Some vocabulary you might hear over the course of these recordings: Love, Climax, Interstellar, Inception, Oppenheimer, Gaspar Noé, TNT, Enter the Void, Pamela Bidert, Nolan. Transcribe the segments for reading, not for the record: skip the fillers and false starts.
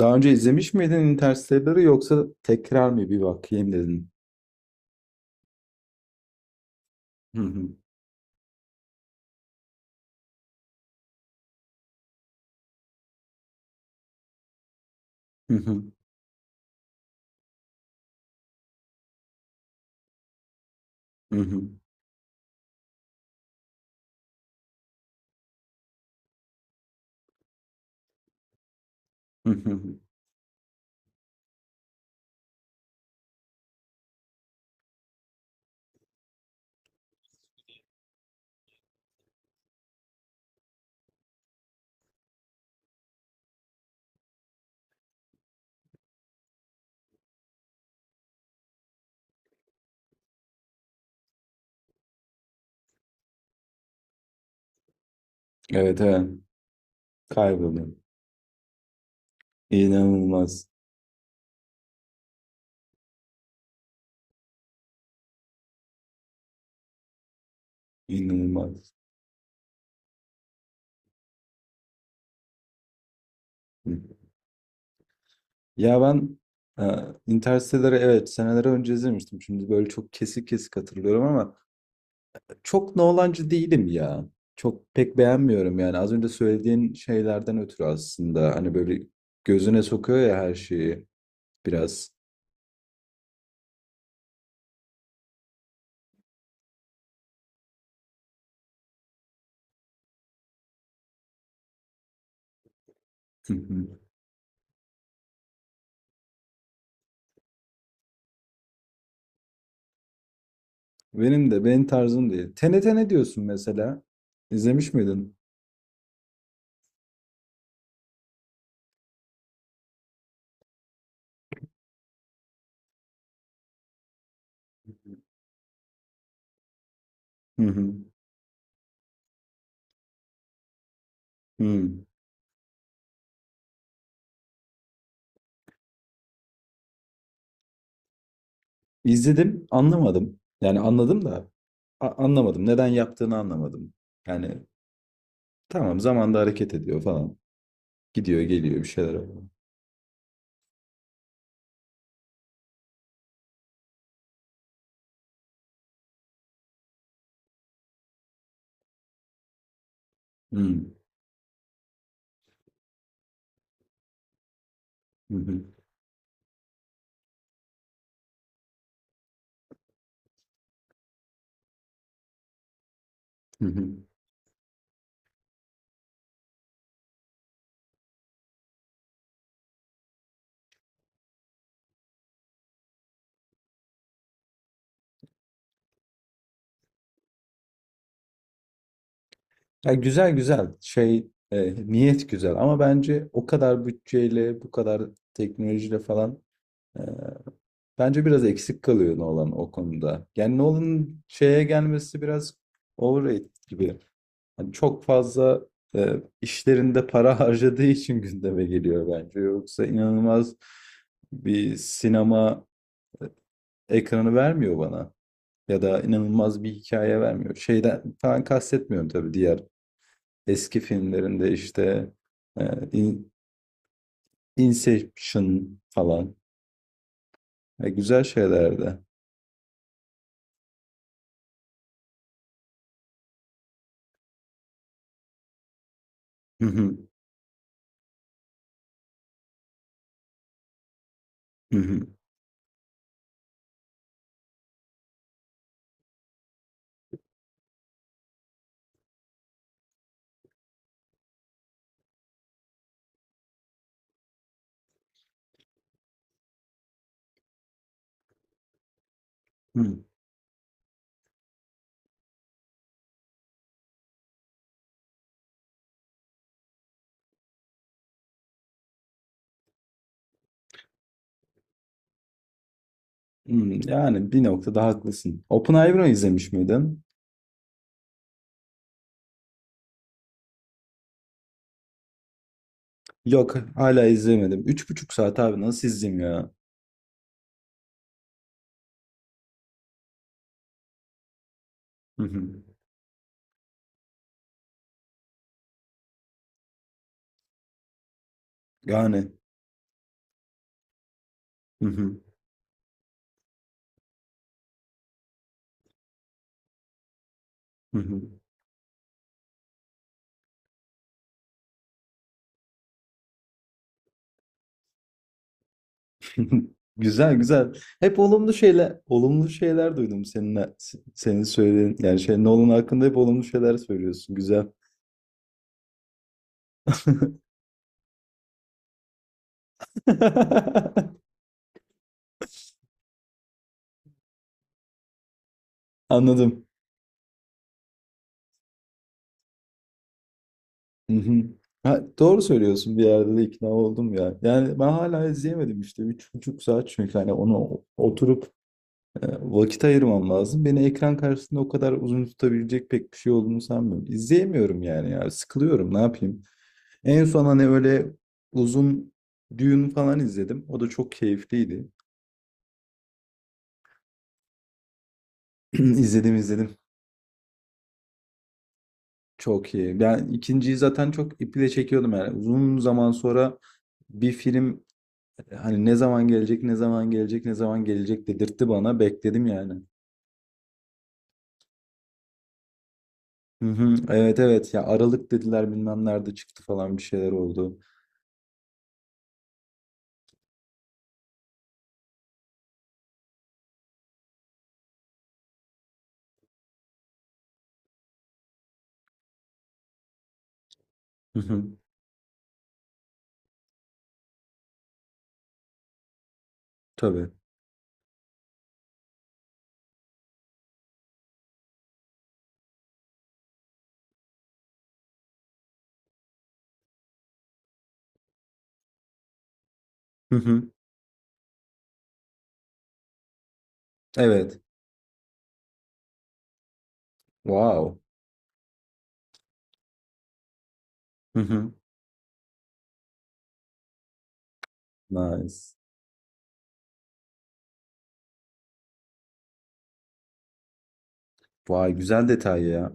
Daha önce izlemiş miydin Interstellar'ı yoksa tekrar mı bir bakayım dedin? Hı hı, hı hı, hı hı, hı hı. Evet evet. Kayboldum. İnanılmaz. İnanılmaz. Hı. Ya ben e, Interstellar'ı evet seneler önce izlemiştim. Şimdi böyle çok kesik kesik hatırlıyorum ama çok Nolan'cı değilim ya. Çok pek beğenmiyorum yani. Az önce söylediğin şeylerden ötürü aslında. Hani böyle gözüne sokuyor ya her şeyi biraz. Benim de benim tarzım değil. TNT ne diyorsun mesela? İzlemiş miydin? Hı hı. Hı. İzledim, anlamadım. Yani anladım da anlamadım. Neden yaptığını anlamadım. Yani tamam zamanda hareket ediyor falan. Gidiyor, geliyor bir şeyler oluyor. Hı hı hı. Hı hı. Ya güzel güzel şey, niyet güzel ama bence o kadar bütçeyle bu kadar teknolojiyle falan, e, bence biraz eksik kalıyor Nolan o konuda. Yani Nolan'ın şeye gelmesi biraz overrated gibi. Hani çok fazla e, işlerinde para harcadığı için gündeme geliyor bence. Yoksa inanılmaz bir sinema ekranı vermiyor bana. Ya da inanılmaz bir hikaye vermiyor. Şeyden falan kastetmiyorum tabii diğer eski filmlerinde işte, e, In- Inception falan. E, güzel şeylerdi. Hmm, yani bir noktada haklısın. Oppenheimer'ı izlemiş miydin? Yok, hala izlemedim. Üç buçuk saat abi nasıl izleyeyim ya? Hı hı. Yani. Hı hı. Hı hı. Güzel güzel. Hep olumlu şeyler, olumlu şeyler duydum seninle, senin söylediğin. Yani şey Nolan hakkında hep olumlu şeyler söylüyorsun. Güzel. Anladım. Hı hı. Ha, doğru söylüyorsun bir yerde de ikna oldum ya. Yani ben hala izleyemedim işte. Üç buçuk saat çünkü hani onu oturup, vakit ayırmam lazım. Beni ekran karşısında o kadar uzun tutabilecek pek bir şey olduğunu sanmıyorum. İzleyemiyorum yani ya. Sıkılıyorum. Ne yapayım? En son hani öyle uzun düğün falan izledim. O da çok keyifliydi. İzledim izledim. Çok iyi. Ben ikinciyi zaten çok iple çekiyordum yani. Uzun zaman sonra bir film, hani ne zaman gelecek, ne zaman gelecek, ne zaman gelecek dedirtti bana. Bekledim yani. Hı hı. Evet evet ya Aralık dediler bilmem nerede çıktı falan bir şeyler oldu. Hı hı. Tabii. Hı hı. Evet. Wow. Hı hı. Nice. Vay güzel detay ya.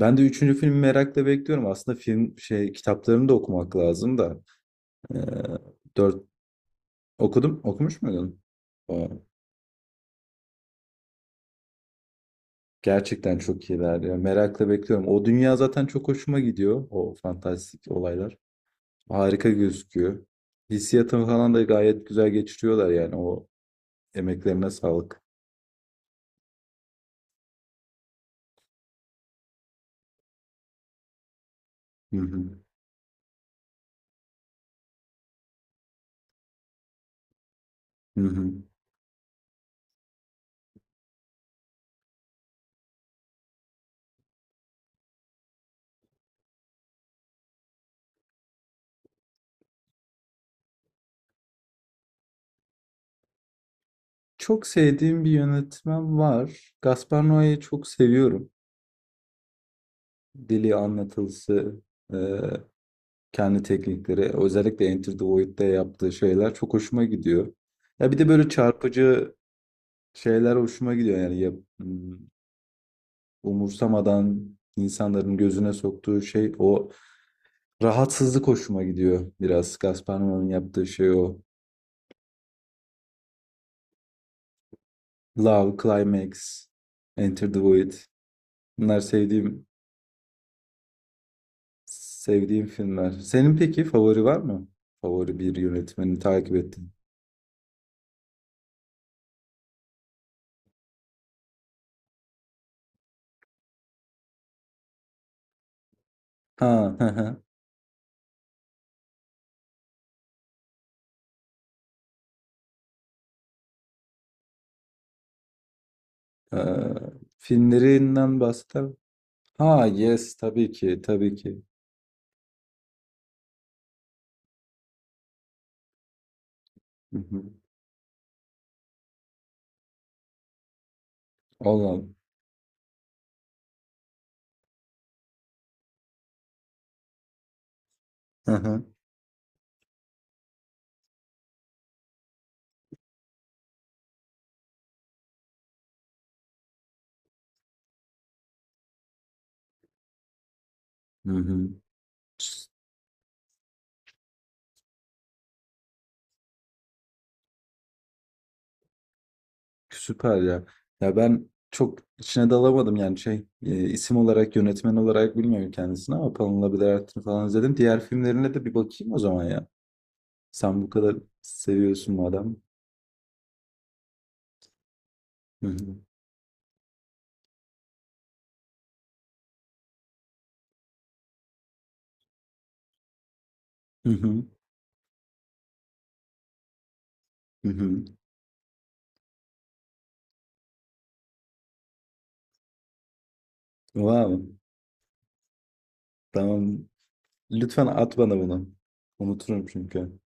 Ben de üçüncü filmi merakla bekliyorum. Aslında film şey kitaplarını da okumak lazım da. Ee, dört okudum. Okumuş muydun? Vay. Gerçekten çok iyiler ya. Merakla bekliyorum. O dünya zaten çok hoşuma gidiyor. O fantastik olaylar. Harika gözüküyor. Hissiyatını falan da gayet güzel geçiriyorlar yani. O emeklerine sağlık. Hı hı. Hı hı. Çok sevdiğim bir yönetmen var. Gaspar Noé'yi çok seviyorum. Dili, anlatılısı, e, kendi teknikleri, özellikle Enter the Void'de yaptığı şeyler çok hoşuma gidiyor. Ya bir de böyle çarpıcı şeyler hoşuma gidiyor. Umursamadan insanların gözüne soktuğu şey o rahatsızlık hoşuma gidiyor biraz. Gaspar Noé'nin yaptığı şey o. Love, Climax, Enter the Void. Bunlar sevdiğim Sevdiğim filmler. Senin peki favori var mı? Favori bir yönetmeni takip ettiğin. Ha, hı hı. Ee, filmlerinden bahseder. Ha, yes, tabii ki, tabii ki. Hı hı. Allah'ım. Hı hı. Hı hı. Sü- Süper ya. Ya ben çok içine dalamadım yani şey, isim olarak yönetmen olarak bilmiyorum kendisini ama Pamela Bidert'ini falan izledim. Diğer filmlerine de bir bakayım o zaman ya. Sen bu kadar seviyorsun madem. Hı hı. Hı hı. Hı hı. Wow. Tamam. Lütfen at bana bunu. Unuturum çünkü.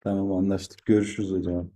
Tamam anlaştık. Görüşürüz o zaman.